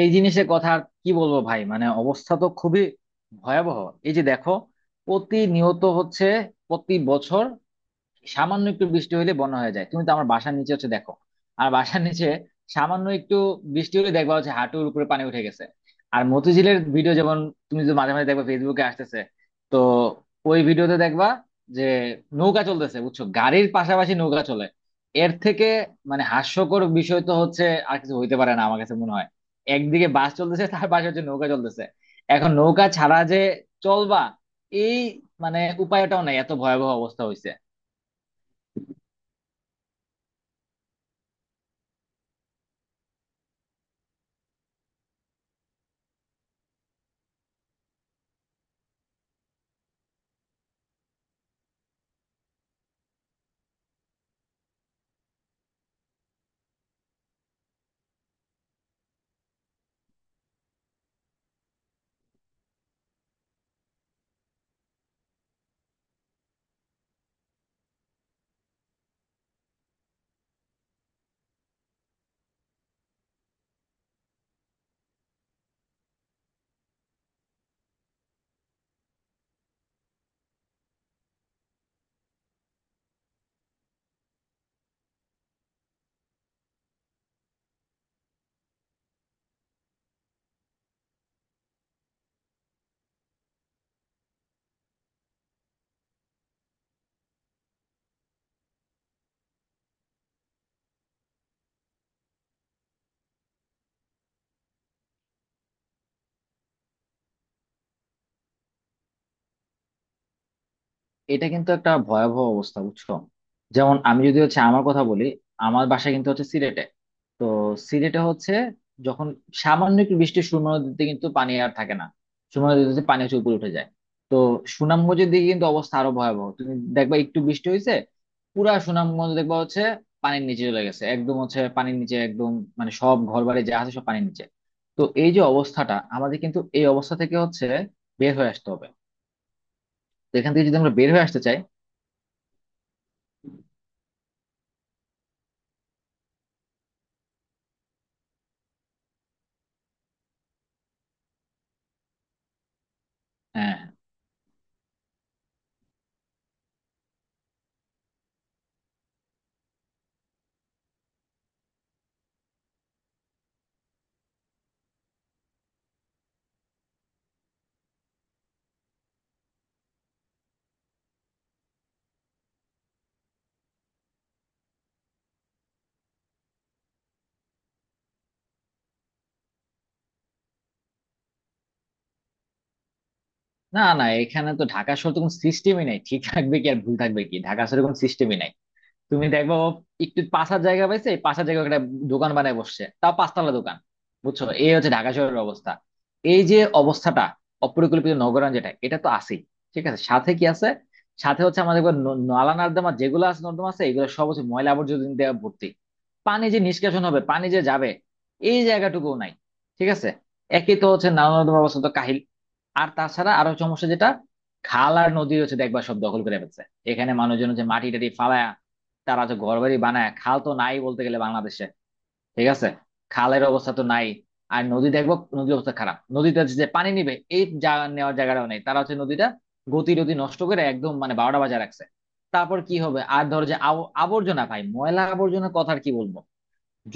এই জিনিসের কথা আর কি বলবো ভাই, মানে অবস্থা তো খুবই ভয়াবহ। এই যে দেখো, প্রতিনিয়ত হচ্ছে, প্রতি বছর সামান্য একটু বৃষ্টি হলে বন্যা হয়ে যায়। তুমি তো আমার বাসার নিচে হচ্ছে দেখো, আর বাসার নিচে সামান্য একটু বৃষ্টি হলে দেখবা হচ্ছে হাঁটুর উপরে পানি উঠে গেছে। আর মতিঝিলের ভিডিও যেমন, তুমি যদি মাঝে মাঝে দেখবা ফেসবুকে আসতেছে, তো ওই ভিডিওতে দেখবা যে নৌকা চলতেছে, বুঝছো, গাড়ির পাশাপাশি নৌকা চলে। এর থেকে মানে হাস্যকর বিষয় তো হচ্ছে আর কিছু হইতে পারে না আমার কাছে মনে হয়। একদিকে বাস চলতেছে তার পাশে হচ্ছে নৌকা চলতেছে। এখন নৌকা ছাড়া যে চলবা, এই মানে উপায়টাও নাই, এত ভয়াবহ অবস্থা হয়েছে। এটা কিন্তু একটা ভয়াবহ অবস্থা বুঝছো। যেমন আমি যদি হচ্ছে আমার কথা বলি, আমার বাসা কিন্তু হচ্ছে সিলেটে। তো সিলেটে হচ্ছে যখন সামান্য একটু বৃষ্টি, সুরমা নদীতে কিন্তু পানি আর থাকে না, সুরমা নদীতে পানি হচ্ছে উপরে উঠে যায়। তো সুনামগঞ্জের দিকে কিন্তু অবস্থা আরো ভয়াবহ, তুমি দেখবা একটু বৃষ্টি হয়েছে, পুরা সুনামগঞ্জ দেখবা হচ্ছে পানির নিচে চলে গেছে, একদম হচ্ছে পানির নিচে একদম, মানে সব ঘর বাড়ি যা আছে সব পানির নিচে। তো এই যে অবস্থাটা আমাদের, কিন্তু এই অবস্থা থেকে হচ্ছে বের হয়ে আসতে হবে। তো এখান থেকে যদি আমরা বের হয়ে আসতে চাই, হ্যাঁ, না না, এখানে তো ঢাকা শহর তো কোনো সিস্টেমই নাই, ঠিক থাকবে কি আর ভুল থাকবে কি, ঢাকা শহরে কোনো সিস্টেমই নাই। তুমি দেখবো ও একটু পাশার জায়গা পাইছে, এই পাশার জায়গায় একটা দোকান বানায় বসছে, তাও পাঁচতলা দোকান। বুঝছো, এই হচ্ছে ঢাকা শহরের অবস্থা। এই যে অবস্থাটা, অপরিকল্পিত নগরায়ণ যেটা, এটা তো আছেই। ঠিক আছে, সাথে কি আছে? সাথে হচ্ছে আমাদের এবার নালা নর্দমা যেগুলো আছে, নর্দমা আছে, এগুলো সব হচ্ছে ময়লা আবর্জনা দিয়ে ভর্তি। পানি যে নিষ্কাশন হবে, পানি যে যাবে, এই জায়গাটুকুও নাই। ঠিক আছে, একই তো হচ্ছে নালা নর্দমা, অবস্থা তো কাহিল। আর তাছাড়া আরো সমস্যা যেটা, খাল আর নদী হচ্ছে দেখবা সব দখল করে ফেলছে। এখানে মানুষজন হচ্ছে মাটি টাটি ফালায়, তারা যে ঘরবাড়ি বানায়, খাল তো নাই বলতে গেলে বাংলাদেশে। ঠিক আছে, খালের অবস্থা তো নাই। আর নদী দেখবো, নদীর অবস্থা খারাপ, নদীতে যে পানি নিবে এই জায়গা নেওয়ার জায়গাটাও নেই, তারা হচ্ছে নদীটা গতি রতি নষ্ট করে একদম মানে বারোটা বাজায় রাখছে। তারপর কি হবে আর, ধরো যে আবর্জনা ভাই, ময়লা আবর্জনার কথার কি বলবো।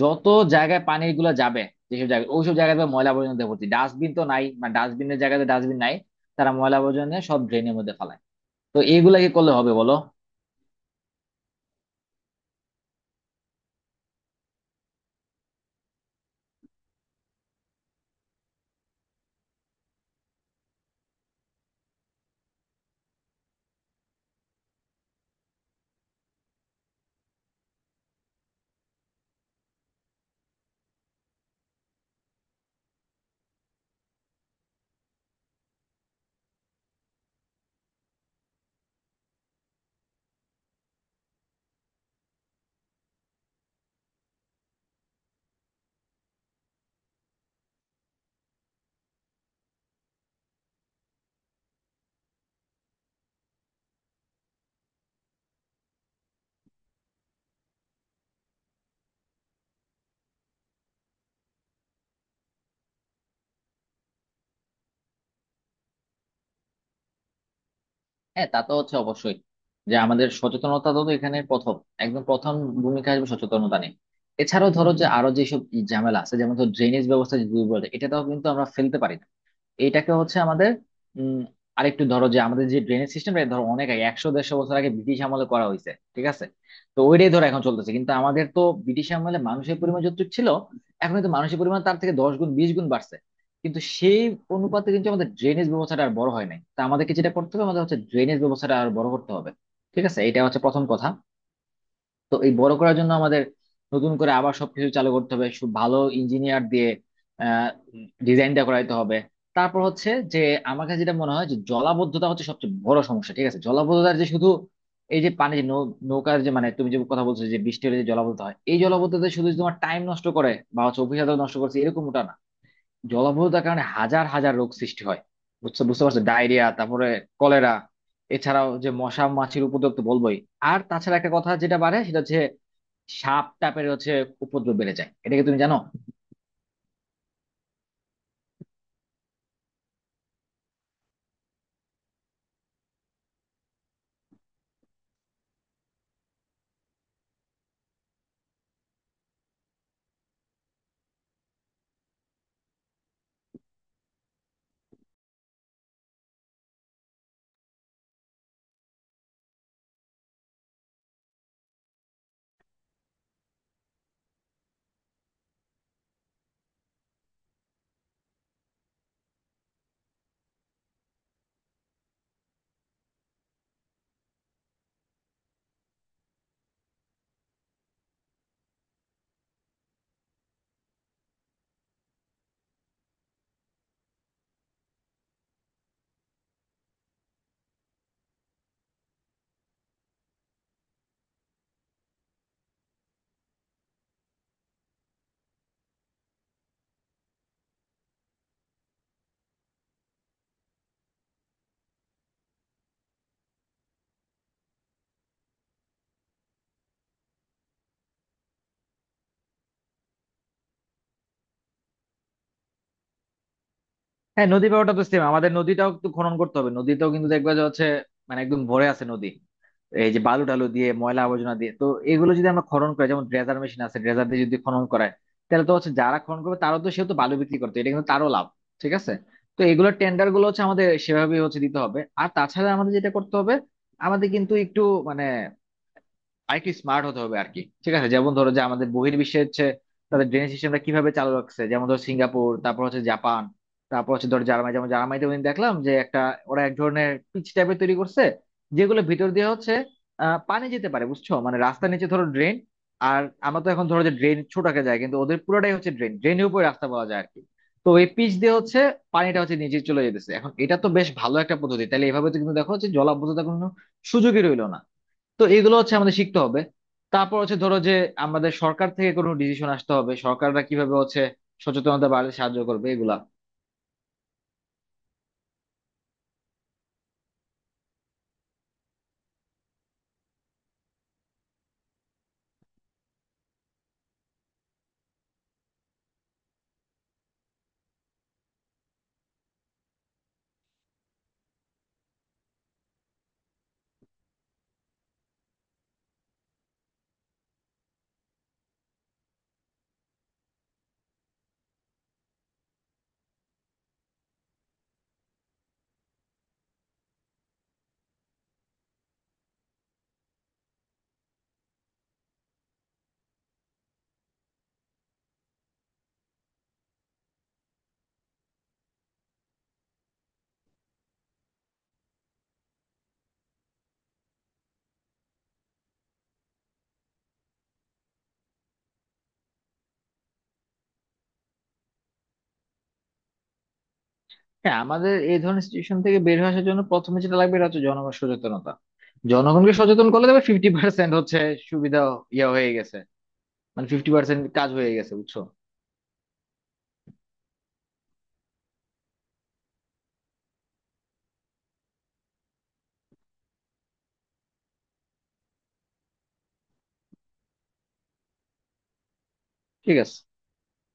যত জায়গায় পানির গুলা যাবে, যেসব জায়গায়, ওইসব জায়গায় তো ময়লা আবর্জনা দিয়ে ভর্তি, ডাস্টবিন তো নাই, মানে ডাস্টবিনের জায়গাতে ডাস্টবিন নাই। তারা ময়লা আবর্জনা নিয়ে সব ড্রেনের মধ্যে ফেলায়। তো এইগুলা কি করলে হবে বলো? হ্যাঁ তা তো হচ্ছে অবশ্যই, যে আমাদের সচেতনতা তো এখানে প্রথম, একদম প্রথম ভূমিকা আসবে সচেতনতা নিয়ে। এছাড়াও ধরো যে আরো যেসব ই ঝামেলা আছে, যেমন ধরো ড্রেনেজ ব্যবস্থা, যদি বলে এটা তো কিন্তু আমরা ফেলতে পারি না। এটাকে হচ্ছে আমাদের উম আরেকটু ধরো, যে আমাদের যে ড্রেনেজ সিস্টেমটা, ধরো অনেক আগে, 100 150 বছর আগে ব্রিটিশ আমলে করা হয়েছে, ঠিক আছে। তো ওইটাই ধরো এখন চলতেছে, কিন্তু আমাদের তো ব্রিটিশ আমলে মানুষের পরিমাণ যতটুকু ছিল, এখন কিন্তু মানুষের পরিমাণ তার থেকে 10 গুণ 20 গুণ বাড়ছে। কিন্তু সেই অনুপাতে কিন্তু আমাদের ড্রেনেজ ব্যবস্থাটা আর বড় হয় নাই, তা আমাদেরকে যেটা করতে হবে, আমাদের হচ্ছে ড্রেনেজ ব্যবস্থাটা আর বড় করতে হবে। ঠিক আছে, এটা হচ্ছে প্রথম কথা। তো এই বড় করার জন্য আমাদের নতুন করে আবার সবকিছু চালু করতে হবে, খুব ভালো ইঞ্জিনিয়ার দিয়ে আহ ডিজাইনটা করাইতে হবে। তারপর হচ্ছে যে, আমার কাছে যেটা মনে হয় যে জলাবদ্ধতা হচ্ছে সবচেয়ে বড় সমস্যা। ঠিক আছে, জলাবদ্ধতার যে শুধু এই যে পানি যে নৌ নৌকার যে মানে, তুমি যে কথা বলছো যে বৃষ্টি হলে যে জলাবদ্ধতা হয়, এই জলাবদ্ধতা শুধু যে তোমার টাইম নষ্ট করে বা হচ্ছে অফিস আদালত নষ্ট করছে এরকমটা না। জলাবদ্ধতার কারণে হাজার হাজার রোগ সৃষ্টি হয়, বুঝছো, বুঝতে পারছো, ডায়রিয়া, তারপরে কলেরা। এছাড়াও যে মশা মাছির উপদ্রব তো বলবোই। আর তাছাড়া একটা কথা যেটা বাড়ে, সেটা হচ্ছে সাপ টাপের হচ্ছে উপদ্রব বেড়ে যায়, এটা কি তুমি জানো? হ্যাঁ, নদী ব্যাপারটা তো সেম, আমাদের নদীটাও একটু খনন করতে হবে। নদীতেও কিন্তু দেখবে যে হচ্ছে মানে একদম ভরে আছে নদী, এই যে বালু টালু দিয়ে ময়লা আবর্জনা দিয়ে। তো এগুলো যদি আমরা খনন করি, যেমন ড্রেজার মেশিন আছে, ড্রেজার দিয়ে যদি খনন করায়, তাহলে তো হচ্ছে যারা খনন করবে তারও তো সেহেতু বালু বিক্রি করতে, এটা কিন্তু তারও লাভ। ঠিক আছে, তো এগুলো টেন্ডার গুলো হচ্ছে আমাদের সেভাবেই হচ্ছে দিতে হবে। আর তাছাড়া আমাদের যেটা করতে হবে, আমাদের কিন্তু একটু মানে আরেকটু স্মার্ট হতে হবে আর কি। ঠিক আছে, যেমন ধরো যে আমাদের বহির্বিশ্বে হচ্ছে তাদের ড্রেনেজ সিস্টেমটা কিভাবে চালু রাখছে, যেমন ধরো সিঙ্গাপুর, তারপর হচ্ছে জাপান, তারপর হচ্ছে ধরো জার্মানি। যেমন জার্মানিতে ওদিন দেখলাম যে একটা, ওরা এক ধরনের পিচ টাইপের তৈরি করছে, যেগুলো ভিতর দিয়ে হচ্ছে পানি যেতে পারে, বুঝছো, মানে রাস্তার নিচে ধরো ড্রেন। আর আমরা তো এখন ধরো যে ড্রেন ছোট আকারে যায়, কিন্তু ওদের পুরোটাই হচ্ছে ড্রেন, ড্রেনের উপরে রাস্তা বলা যায় আর কি। তো এই পিচ দিয়ে হচ্ছে পানিটা হচ্ছে নিচে চলে যেতেছে। এখন এটা তো বেশ ভালো একটা পদ্ধতি, তাহলে এভাবে তো কিন্তু দেখো যে জলাবদ্ধতার কোনো সুযোগই রইলো না। তো এগুলো হচ্ছে আমাদের শিখতে হবে। তারপর হচ্ছে ধরো যে, আমাদের সরকার থেকে কোনো ডিসিশন আসতে হবে, সরকাররা কিভাবে হচ্ছে সচেতনতা বাড়াতে সাহায্য করবে এগুলা। হ্যাঁ, আমাদের এই ধরনের সিচুয়েশন থেকে বের হয়ে আসার জন্য প্রথমে যেটা লাগবে, এটা হচ্ছে জনগণ সচেতনতা। জনগণকে সচেতন করলে তবে 50% হচ্ছে সুবিধা হয়ে গেছে, মানে 50% কাজ হয়ে গেছে বুঝছো। ঠিক আছে।